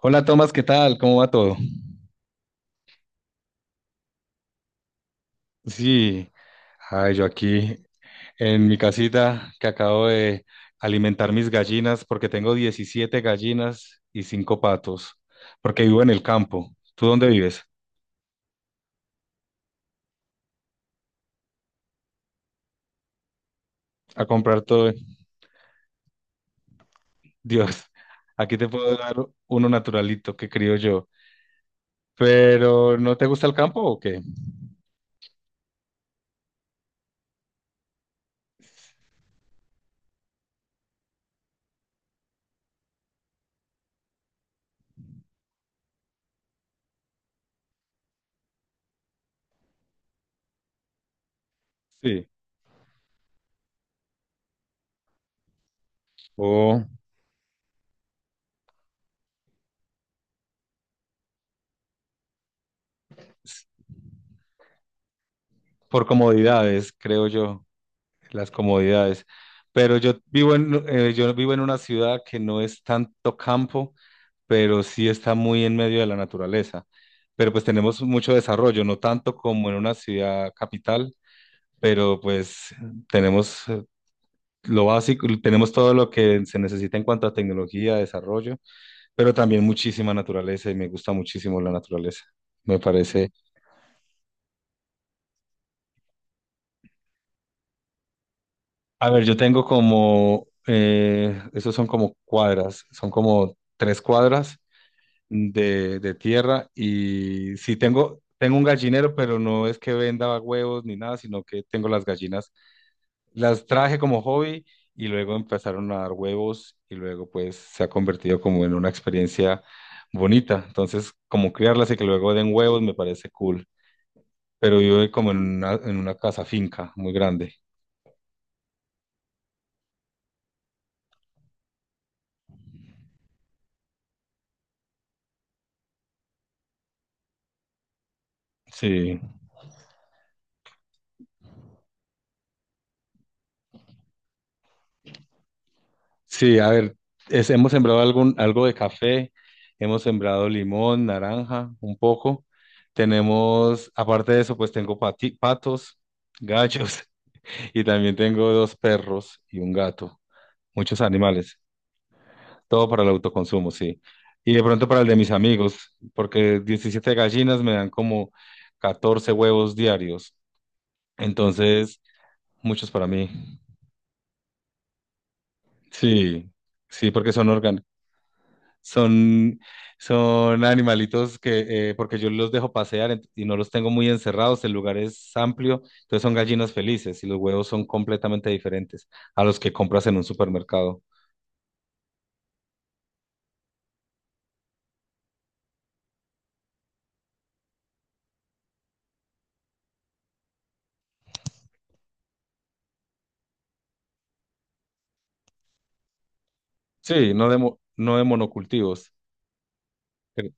Hola Tomás, ¿qué tal? ¿Cómo va todo? Sí, ay, yo aquí en mi casita que acabo de alimentar mis gallinas porque tengo 17 gallinas y 5 patos, porque vivo en el campo. ¿Tú dónde vives? A comprar todo. Dios, aquí te puedo dar uno naturalito que crío yo. Pero ¿no te gusta el campo o qué? Sí. O por comodidades, creo yo. Las comodidades. Pero yo vivo en una ciudad que no es tanto campo, pero sí está muy en medio de la naturaleza. Pero pues tenemos mucho desarrollo, no tanto como en una ciudad capital, pero pues tenemos lo básico, tenemos todo lo que se necesita en cuanto a tecnología, desarrollo, pero también muchísima naturaleza y me gusta muchísimo la naturaleza. Me parece. A ver, yo tengo como, esos son como cuadras, son como tres cuadras de tierra y sí tengo, tengo un gallinero, pero no es que venda huevos ni nada, sino que tengo las gallinas, las traje como hobby y luego empezaron a dar huevos y luego pues se ha convertido como en una experiencia bonita. Entonces, como criarlas y que luego den huevos me parece cool, pero vivo como en una casa finca muy grande. Sí. Sí, a ver, hemos sembrado algo de café, hemos sembrado limón, naranja, un poco. Tenemos, aparte de eso, pues tengo patos, gallos y también tengo dos perros y un gato. Muchos animales, todo para el autoconsumo, sí. Y de pronto para el de mis amigos, porque 17 gallinas me dan como 14 huevos diarios. Entonces, muchos para mí. Sí, sí, porque son orgánicos. Son, son animalitos que, porque yo los dejo pasear ent- y no los tengo muy encerrados, el lugar es amplio, entonces son gallinas felices y los huevos son completamente diferentes a los que compras en un supermercado. Sí, no de, mo- no de monocultivos. Pero...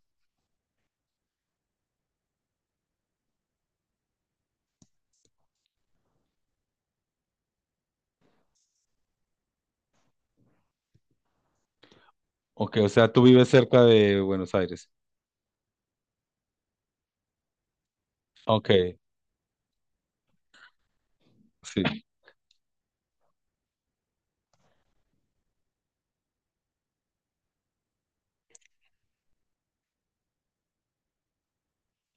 Ok, o sea, tú vives cerca de Buenos Aires. Ok, sí.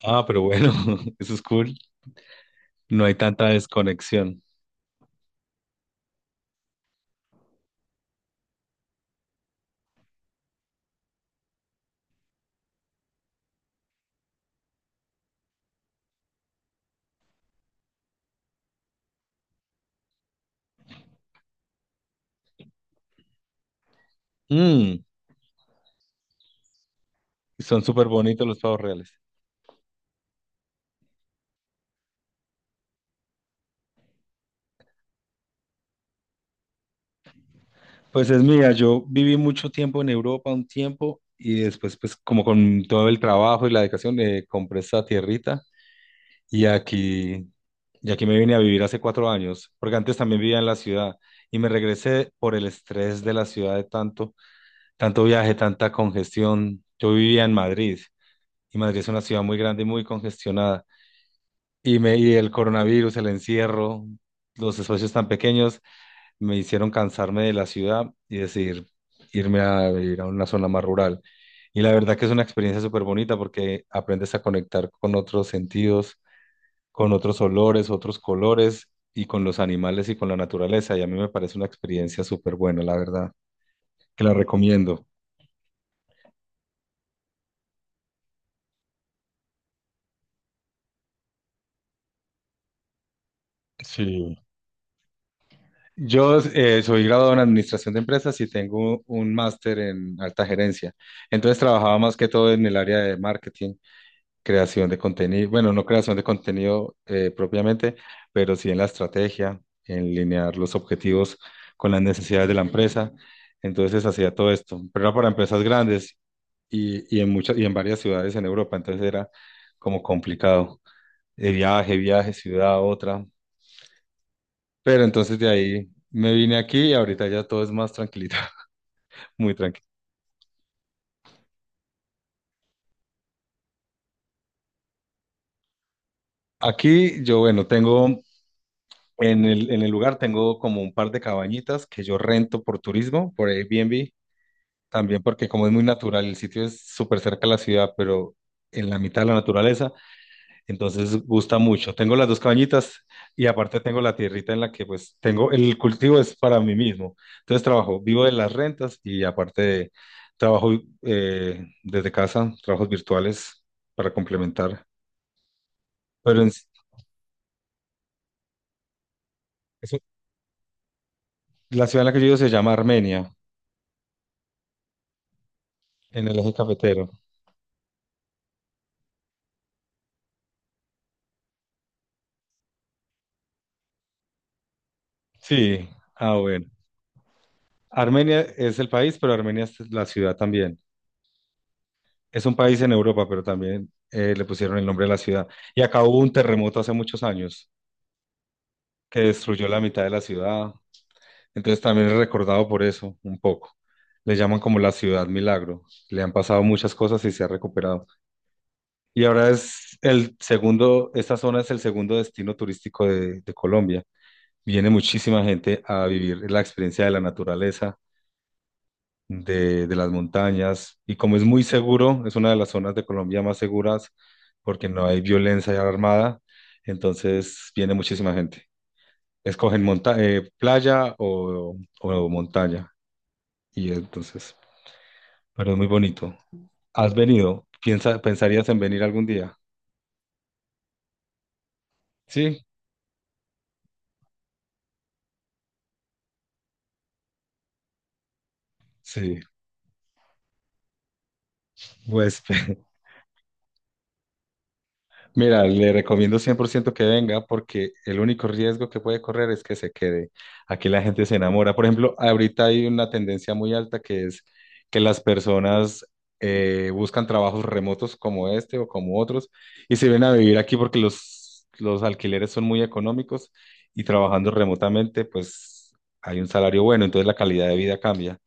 Ah, pero bueno, eso es cool. No hay tanta desconexión. Mm, Son súper bonitos los pavos reales. Pues es mía, yo viví mucho tiempo en Europa, un tiempo, y después, pues como con todo el trabajo y la dedicación, compré esta tierrita y aquí, y aquí me vine a vivir hace 4 años, porque antes también vivía en la ciudad y me regresé por el estrés de la ciudad de tanto, tanto viaje, tanta congestión. Yo vivía en Madrid y Madrid es una ciudad muy grande y muy congestionada y me y el coronavirus, el encierro, los espacios tan pequeños me hicieron cansarme de la ciudad y decidir irme a vivir a una zona más rural. Y la verdad que es una experiencia súper bonita porque aprendes a conectar con otros sentidos, con otros olores, otros colores y con los animales y con la naturaleza. Y a mí me parece una experiencia súper buena, la verdad, que la recomiendo. Sí. Yo soy graduado en administración de empresas y tengo un máster en alta gerencia. Entonces trabajaba más que todo en el área de marketing, creación de contenido, bueno, no creación de contenido propiamente, pero sí en la estrategia, en linear los objetivos con las necesidades de la empresa. Entonces hacía todo esto, pero era para empresas grandes y en muchas y en varias ciudades en Europa, entonces era como complicado. De viaje, viaje, ciudad, a otra. Pero entonces de ahí me vine aquí y ahorita ya todo es más tranquilito, muy tranquilo. Aquí yo, bueno, tengo. En el lugar tengo como un par de cabañitas que yo rento por turismo, por Airbnb, también porque como es muy natural, el sitio es súper cerca a la ciudad, pero en la mitad de la naturaleza, entonces gusta mucho. Tengo las dos cabañitas y aparte tengo la tierrita en la que pues tengo, el cultivo es para mí mismo. Entonces trabajo, vivo de las rentas y aparte trabajo desde casa, trabajos virtuales para complementar. Pero en- eso- la ciudad en la que yo vivo se llama Armenia, en el eje cafetero. Sí, ah, bueno. Armenia es el país, pero Armenia es la ciudad también. Es un país en Europa, pero también le pusieron el nombre de la ciudad. Y acá hubo un terremoto hace muchos años que destruyó la mitad de la ciudad. Entonces también es recordado por eso, un poco. Le llaman como la ciudad milagro. Le han pasado muchas cosas y se ha recuperado. Y ahora es el segundo, esta zona es el segundo destino turístico de Colombia. Viene muchísima gente a vivir la experiencia de la naturaleza de las montañas y como es muy seguro, es una de las zonas de Colombia más seguras porque no hay violencia armada, entonces viene muchísima gente. Escogen monta playa o montaña y entonces, pero es muy bonito. ¿Has venido? Pensarías en venir algún día? Sí, sí, pues mira, le recomiendo 100% que venga porque el único riesgo que puede correr es que se quede. Aquí la gente se enamora. Por ejemplo, ahorita hay una tendencia muy alta que es que las personas buscan trabajos remotos como este o como otros y se ven a vivir aquí porque los alquileres son muy económicos y trabajando remotamente pues hay un salario bueno, entonces la calidad de vida cambia.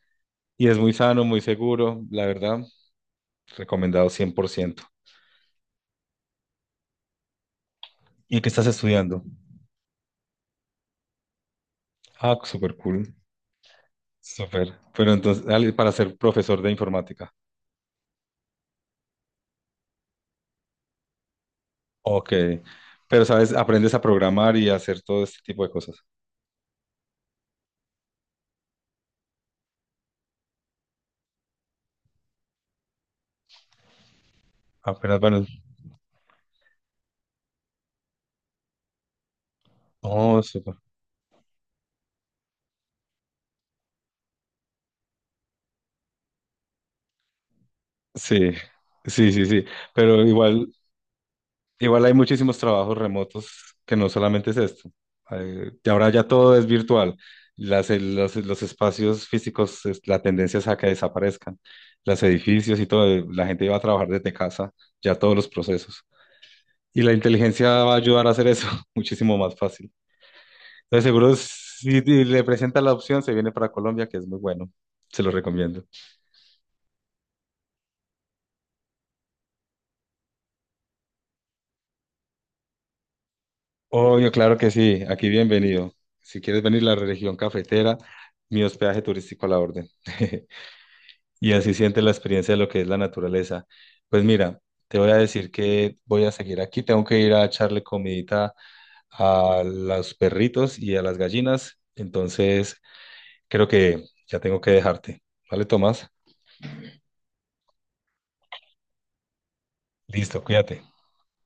Y es muy sano, muy seguro, la verdad, recomendado 100%. ¿Y qué estás estudiando? Ah, súper cool. Súper. Pero entonces, al- para ser profesor de informática. Ok. Pero, ¿sabes? Aprendes a programar y a hacer todo este tipo de cosas. Apenas, bueno. Oh, súper. Sí, sí, sí, sí. Pero igual, igual hay muchísimos trabajos remotos que no solamente es esto. Y ahora ya todo es virtual. Los espacios físicos, la tendencia es a que desaparezcan. Los edificios y todo, la gente va a trabajar desde casa, ya todos los procesos. Y la inteligencia va a ayudar a hacer eso muchísimo más fácil. Entonces, seguro si le presenta la opción, se viene para Colombia, que es muy bueno. Se lo recomiendo. Obvio, claro que sí. Aquí bienvenido. Si quieres venir a la región cafetera, mi hospedaje turístico a la orden. Y así sientes la experiencia de lo que es la naturaleza. Pues mira, te voy a decir que voy a seguir aquí. Tengo que ir a echarle comidita a los perritos y a las gallinas. Entonces, creo que ya tengo que dejarte. ¿Vale, Tomás? Listo, cuídate.